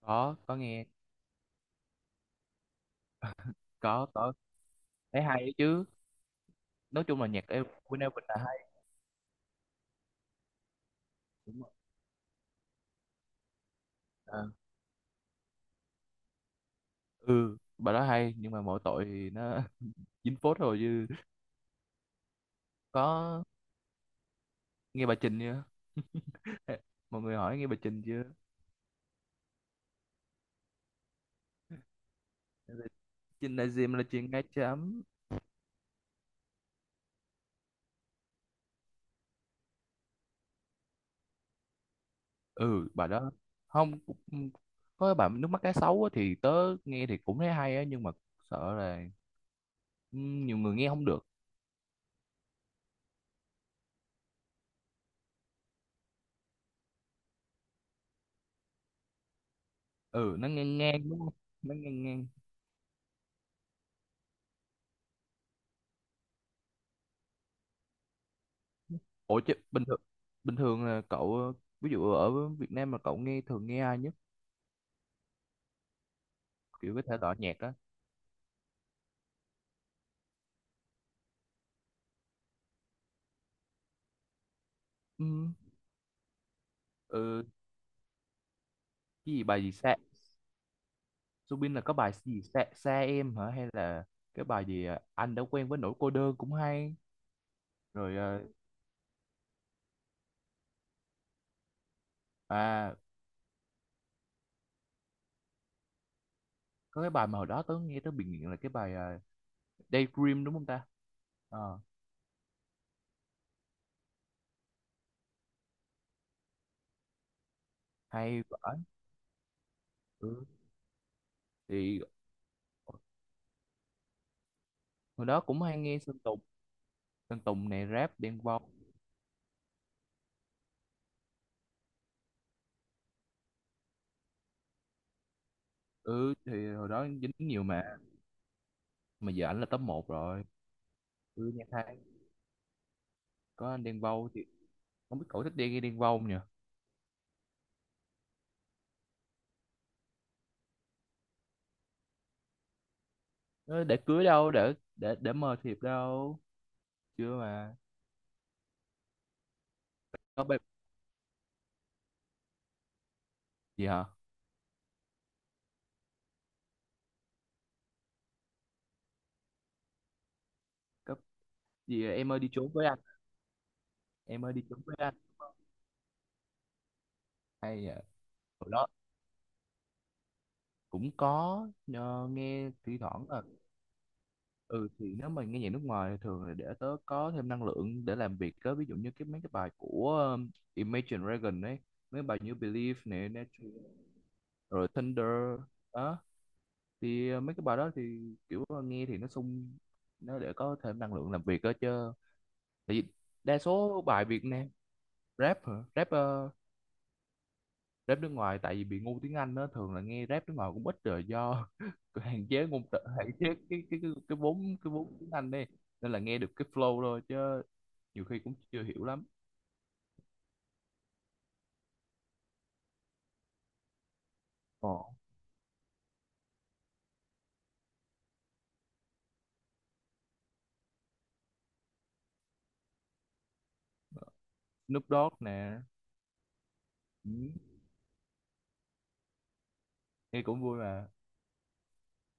Có nghe. Có. Thấy hay ấy chứ. Nói chung là nhạc của Queen Elvin là hay. Đúng rồi. Ờ, ừ, bà đó hay nhưng mà mỗi tội thì nó dính phốt rồi chứ. Có nghe bà Trình chưa? Mọi người hỏi nghe bà Trình chưa. Trình là gì mà là chuyện ngay chấm. Ừ bà đó không cũng- có cái bạn nước mắt cá sấu á, thì tớ nghe thì cũng thấy hay á, nhưng mà sợ là, ừ, nhiều người nghe không được. Ừ, nó ngang ngang đúng không, nó ngang ngang. Ủa chứ bình thường, bình thường là cậu, ví dụ ở Việt Nam mà cậu nghe thường nghe ai nhất, kiểu cái thể loại nhạc á. Ừ, ừ, cái gì bài gì xa. Subin là có bài gì xa, xa em hả, hay là cái bài gì anh đã quen với nỗi cô đơn cũng hay. Rồi, à có cái bài mà hồi đó tớ nghe tớ bị nghiện là cái bài Daydream đúng không ta. Ờ, hay vãi. Ừ. Thì hồi đó cũng hay nghe Sơn Tùng, Sơn Tùng này, rap Đen Vâu. Ừ thì hồi đó dính nhiều mà giờ ảnh là top một rồi. Ừ, nhạc hay. Có anh Đen Vâu thì không biết cậu thích đi nghe Đen Vâu không nhỉ. Ờ, để cưới đâu để mời thiệp đâu chưa mà. Có bài gì hả? Có gì em ơi đi trốn với anh, em ơi đi trốn với anh, hay nhờ. Hồi đó cũng có nhờ, nghe thi thoảng là. Ừ thì nếu mà nghe nhạc nước ngoài thì thường là để tớ có thêm năng lượng để làm việc đó, ví dụ như cái mấy cái bài của Imagine Dragon ấy, mấy bài như Believe nè, Natural, rồi Thunder đó. Thì mấy cái bài đó thì kiểu nghe thì nó sung, nó để có thêm năng lượng làm việc đó chứ, tại vì đa số bài Việt Nam. Rap hả? Rap, rap nước ngoài tại vì bị ngu tiếng Anh đó, thường là nghe rap nước ngoài cũng ít rồi do hạn chế ngôn từ, hạn chế cái cái vốn, cái vốn tiếng Anh đi, nên là nghe được cái flow thôi chứ nhiều khi cũng chưa hiểu lắm. Ồ. Snoop Dogg nè. Ừ, nghe cũng vui mà.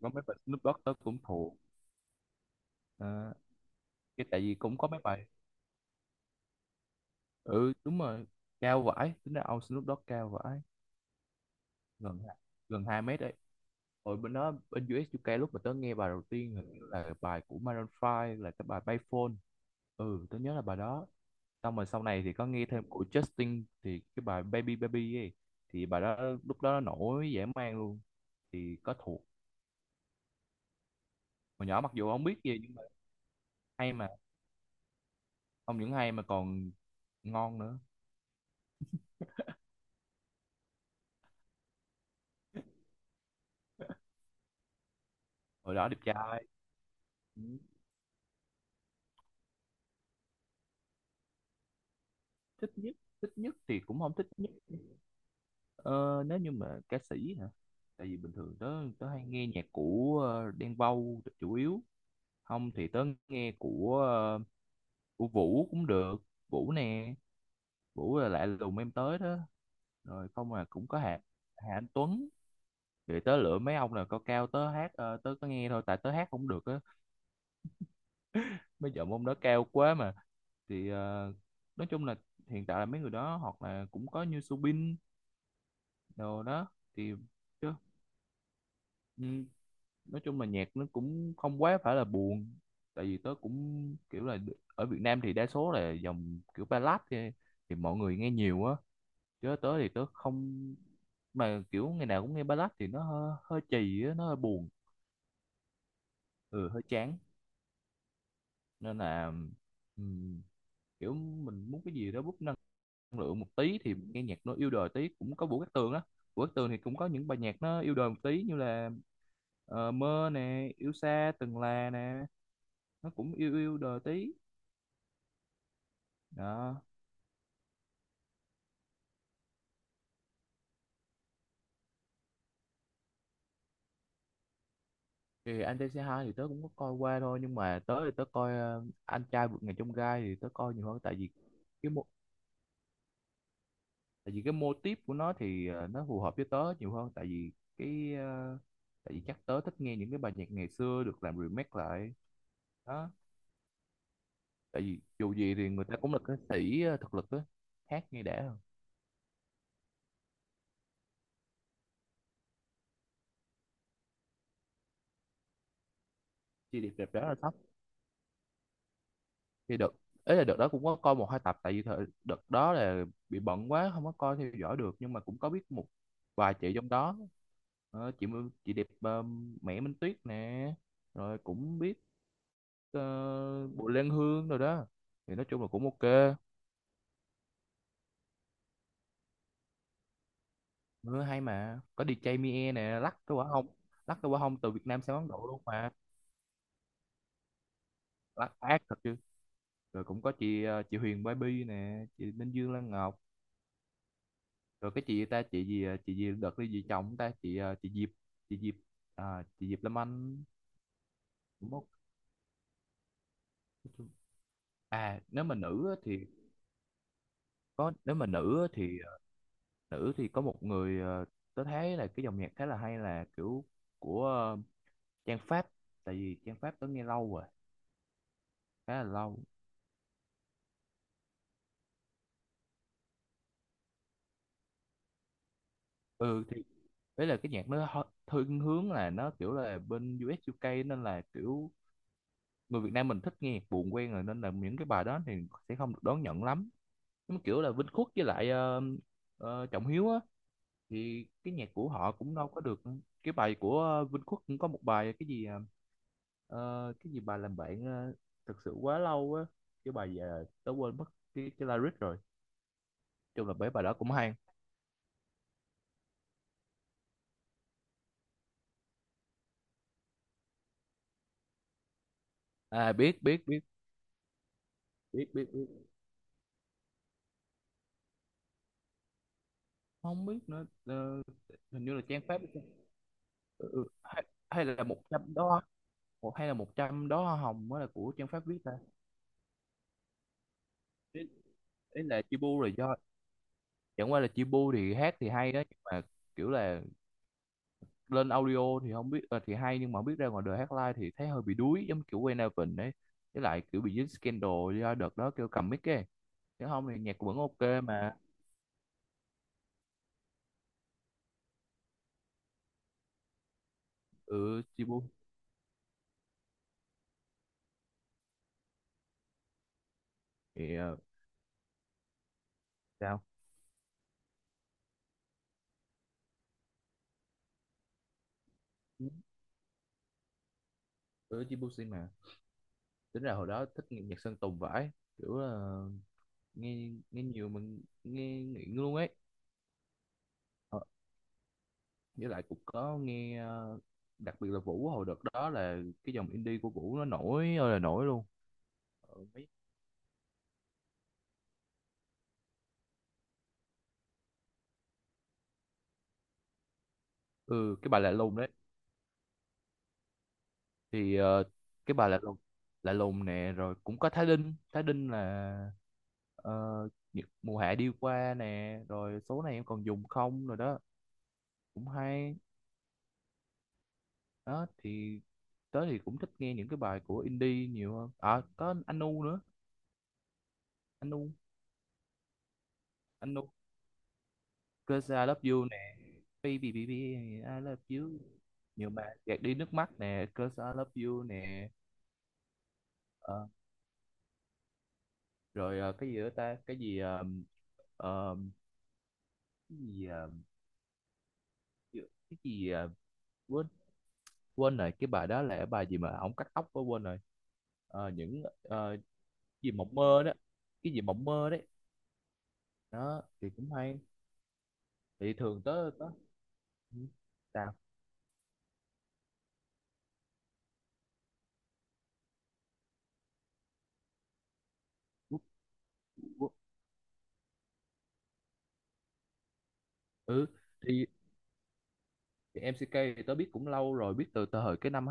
Có mấy bài Snoop Dogg tớ cũng thuộc. Ờ, cái tại vì cũng có mấy bài. Ừ đúng rồi, cao vãi, tính ra ông Snoop Dogg cao vãi, gần gần 2 mét đấy. Rồi bên đó bên US UK lúc mà tớ nghe bài đầu tiên hình như là bài của Maroon Five là cái bài Payphone. Ừ tớ nhớ là bài đó. Xong rồi sau này thì có nghe thêm của Justin thì cái bài Baby Baby ấy, thì bài đó lúc đó nó nổi dã man luôn, thì có thuộc hồi nhỏ mặc dù không biết gì nhưng mà hay mà. Không những hay mà còn ngon nữa. Hồi đó đẹp trai. Ừ, thích nhất, thích nhất thì cũng không thích nhất. Ờ, nếu như mà ca sĩ hả? Tại vì bình thường tớ tớ hay nghe nhạc của Đen Vâu chủ yếu. Không thì tớ nghe của của Vũ cũng được. Vũ nè, Vũ là lạ lùng em tới đó. Rồi không mà cũng có Hà Hà Anh Tuấn. Rồi tớ lựa mấy ông là cao cao, tớ hát tớ có nghe thôi tại tớ hát không được á. Mấy giọng ông đó cao quá mà. Thì ờ, nói chung là hiện tại là mấy người đó hoặc là cũng có như Subin đồ đó thì chứ. Ừ, nói chung là nhạc nó cũng không quá phải là buồn, tại vì tớ cũng kiểu là, ở Việt Nam thì đa số là dòng kiểu ballad thì mọi người nghe nhiều á, chứ tớ thì tớ không, mà kiểu ngày nào cũng nghe ballad thì nó hơi, hơi chì á, nó hơi buồn. Ừ hơi chán, nên là ừm, kiểu mình muốn cái gì đó bút năng lượng một tí thì nghe nhạc nó yêu đời tí, cũng có Vũ Cát Tường á. Vũ Cát Tường thì cũng có những bài nhạc nó yêu đời một tí như là mơ nè, yêu xa từng là nè, nó cũng yêu yêu đời tí đó thì. Anh trai C2 thì tớ cũng có coi qua thôi nhưng mà tớ thì tớ coi anh trai vượt ngàn chông gai thì tớ coi nhiều hơn, tại vì cái mô, tại vì cái mô típ của nó thì nó phù hợp với tớ nhiều hơn, tại vì cái ờ, tại vì chắc tớ thích nghe những cái bài nhạc ngày xưa được làm remake lại đó, tại vì dù gì thì người ta cũng là ca sĩ thực lực á, hát nghe đã hơn. Chi đẹp đẹp đó là sắp thì đợt ấy là, đợt đó cũng có coi một hai tập, tại vì thời, đợt đó là bị bận quá không có coi theo dõi được nhưng mà cũng có biết một vài chị trong đó. Ờ, chị đẹp Mẹ Minh Tuyết nè, rồi cũng biết Bùi Lan Hương rồi đó, thì nói chung là cũng ok. Ừ, hay mà có đi DJ Mie nè, lắc cái quả hông, lắc cái quả hông từ Việt Nam sang Ấn Độ luôn mà, lắc ác thật chứ. Rồi cũng có chị chị Huyền Baby nè, chị Minh Dương Lan Ngọc, rồi cái chị ta, chị gì đợt cái gì chồng ta, chị chị Diệp, chị Diệp, à, chị Diệp Lâm Anh đúng không. Nói chung- À nếu mà nữ á thì có, nếu mà nữ á thì nữ thì có một người tớ thấy là cái dòng nhạc khá là hay là kiểu của Trang Pháp, tại vì Trang Pháp tớ nghe lâu rồi, khá là lâu. Ừ thì đấy là cái nhạc nó thiên hướng là nó kiểu là bên US UK nên là kiểu người Việt Nam mình thích nghe nhạc buồn quen rồi nên là những cái bài đó thì sẽ không được đón nhận lắm, nhưng mà kiểu là Vinh Khuất với lại Trọng Hiếu á thì cái nhạc của họ cũng đâu có được. Cái bài của Vinh Khuất cũng có một bài cái gì cái gì bài làm bạn thật sự quá lâu á, cái bài giờ tớ quên mất cái lyric rồi. Chung là mấy bài đó cũng hay. À biết. Biết. Không biết nữa. Ờ, hình như là Trang Pháp. Ừ, ừ. Hay, hay là một trăm đó, hay là một trăm đó, hồng mới là của Trang Pháp viết ta. Ý, ý là Chibu rồi do, chẳng qua là Chibu thì hát thì hay đó nhưng mà kiểu là lên audio thì không biết thì hay nhưng mà không biết ra ngoài đời hát live thì thấy hơi bị đuối, giống kiểu Wayne Alvin ấy, với lại kiểu bị dính scandal do đợt đó kêu cầm mic ấy, chứ không thì nhạc vẫn ok mà. Ừ Chibu thì sao. Ừ Chibu xin mà. Tính ra hồi đó thích nghe nhạc Sơn Tùng vãi, kiểu là nghe nghe nhiều, mình nghe nghiện luôn ấy. Ờ, với lại cũng có nghe đặc biệt là Vũ, hồi đợt đó là cái dòng indie của Vũ nó nổi ơi là nổi luôn ở Mỹ. Ừ cái bà lạ lùng đấy. Thì cái bà lạ lùng, lạ lùng nè, rồi cũng có Thái Linh, Thái Linh là ờ, những mùa hạ đi qua nè, rồi số này em còn dùng không rồi đó, cũng hay đó thì. Tớ thì cũng thích nghe những cái bài của indie nhiều hơn. À có Anu nữa, Anu, Anu, Cause I love you nè, baby baby I love you, nhiều bài gạt đi nước mắt nè, Cause I love you nè. Ờ, rồi cái gì nữa ta, uh, cái gì à, cái gì à, quên, quên rồi cái bài đó là cái bài gì mà ổng cắt tóc quá quên rồi. Ờ, những ờ, cái gì mộng mơ đó, cái gì mộng mơ đấy đó thì cũng hay. Thì thường tớ tớ ừ, sao. Quốc- quốc- ừ thì, thì MCK thì tớ biết cũng lâu rồi, biết từ từ thời cái năm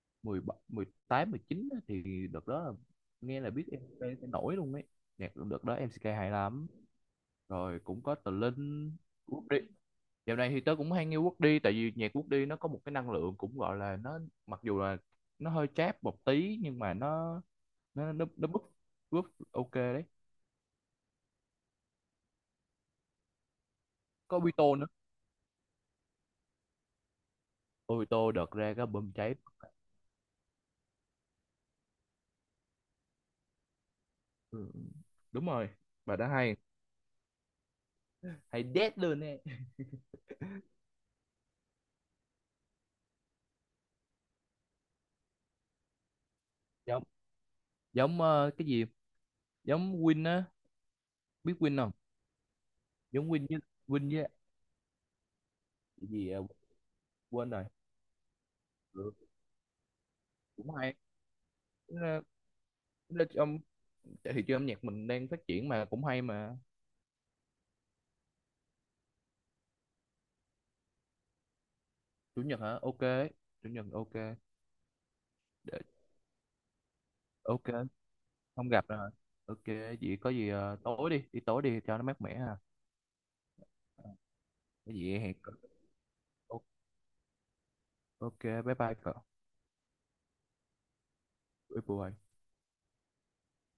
2017 18 19 á, thì đợt đó là, nghe là biết MCK sẽ nổi luôn ấy, nhạc đợt đó MCK hay lắm. Rồi cũng có Tờ Linh, Quốc Đi. Dạo này thì tớ cũng hay nghe Woody, tại vì nhạc Woody nó có một cái năng lượng cũng gọi là nó, mặc dù là nó hơi chát một tí nhưng mà nó nó búp, búp ok đấy. Có Obito nữa. Obito đợt ra cái bơm cháy. Ừ, đúng rồi. Bà đã hay, hay đét luôn nè. Giống, giống cái gì? Giống Win á, biết Win không? Giống Win với, Win với cái gì quên rồi. Ừ, cũng hay. Ờ, trong thị trường âm nhạc mình đang phát triển mà cũng hay mà. Chủ nhật hả? Ok. Chủ nhật ok, ok, không gặp rồi, ok. Vậy có gì tối đi, đi tối đi cho nó mát mẻ à. Cái gì hẹn cậu. Ok bye bye cậu. Bye bye.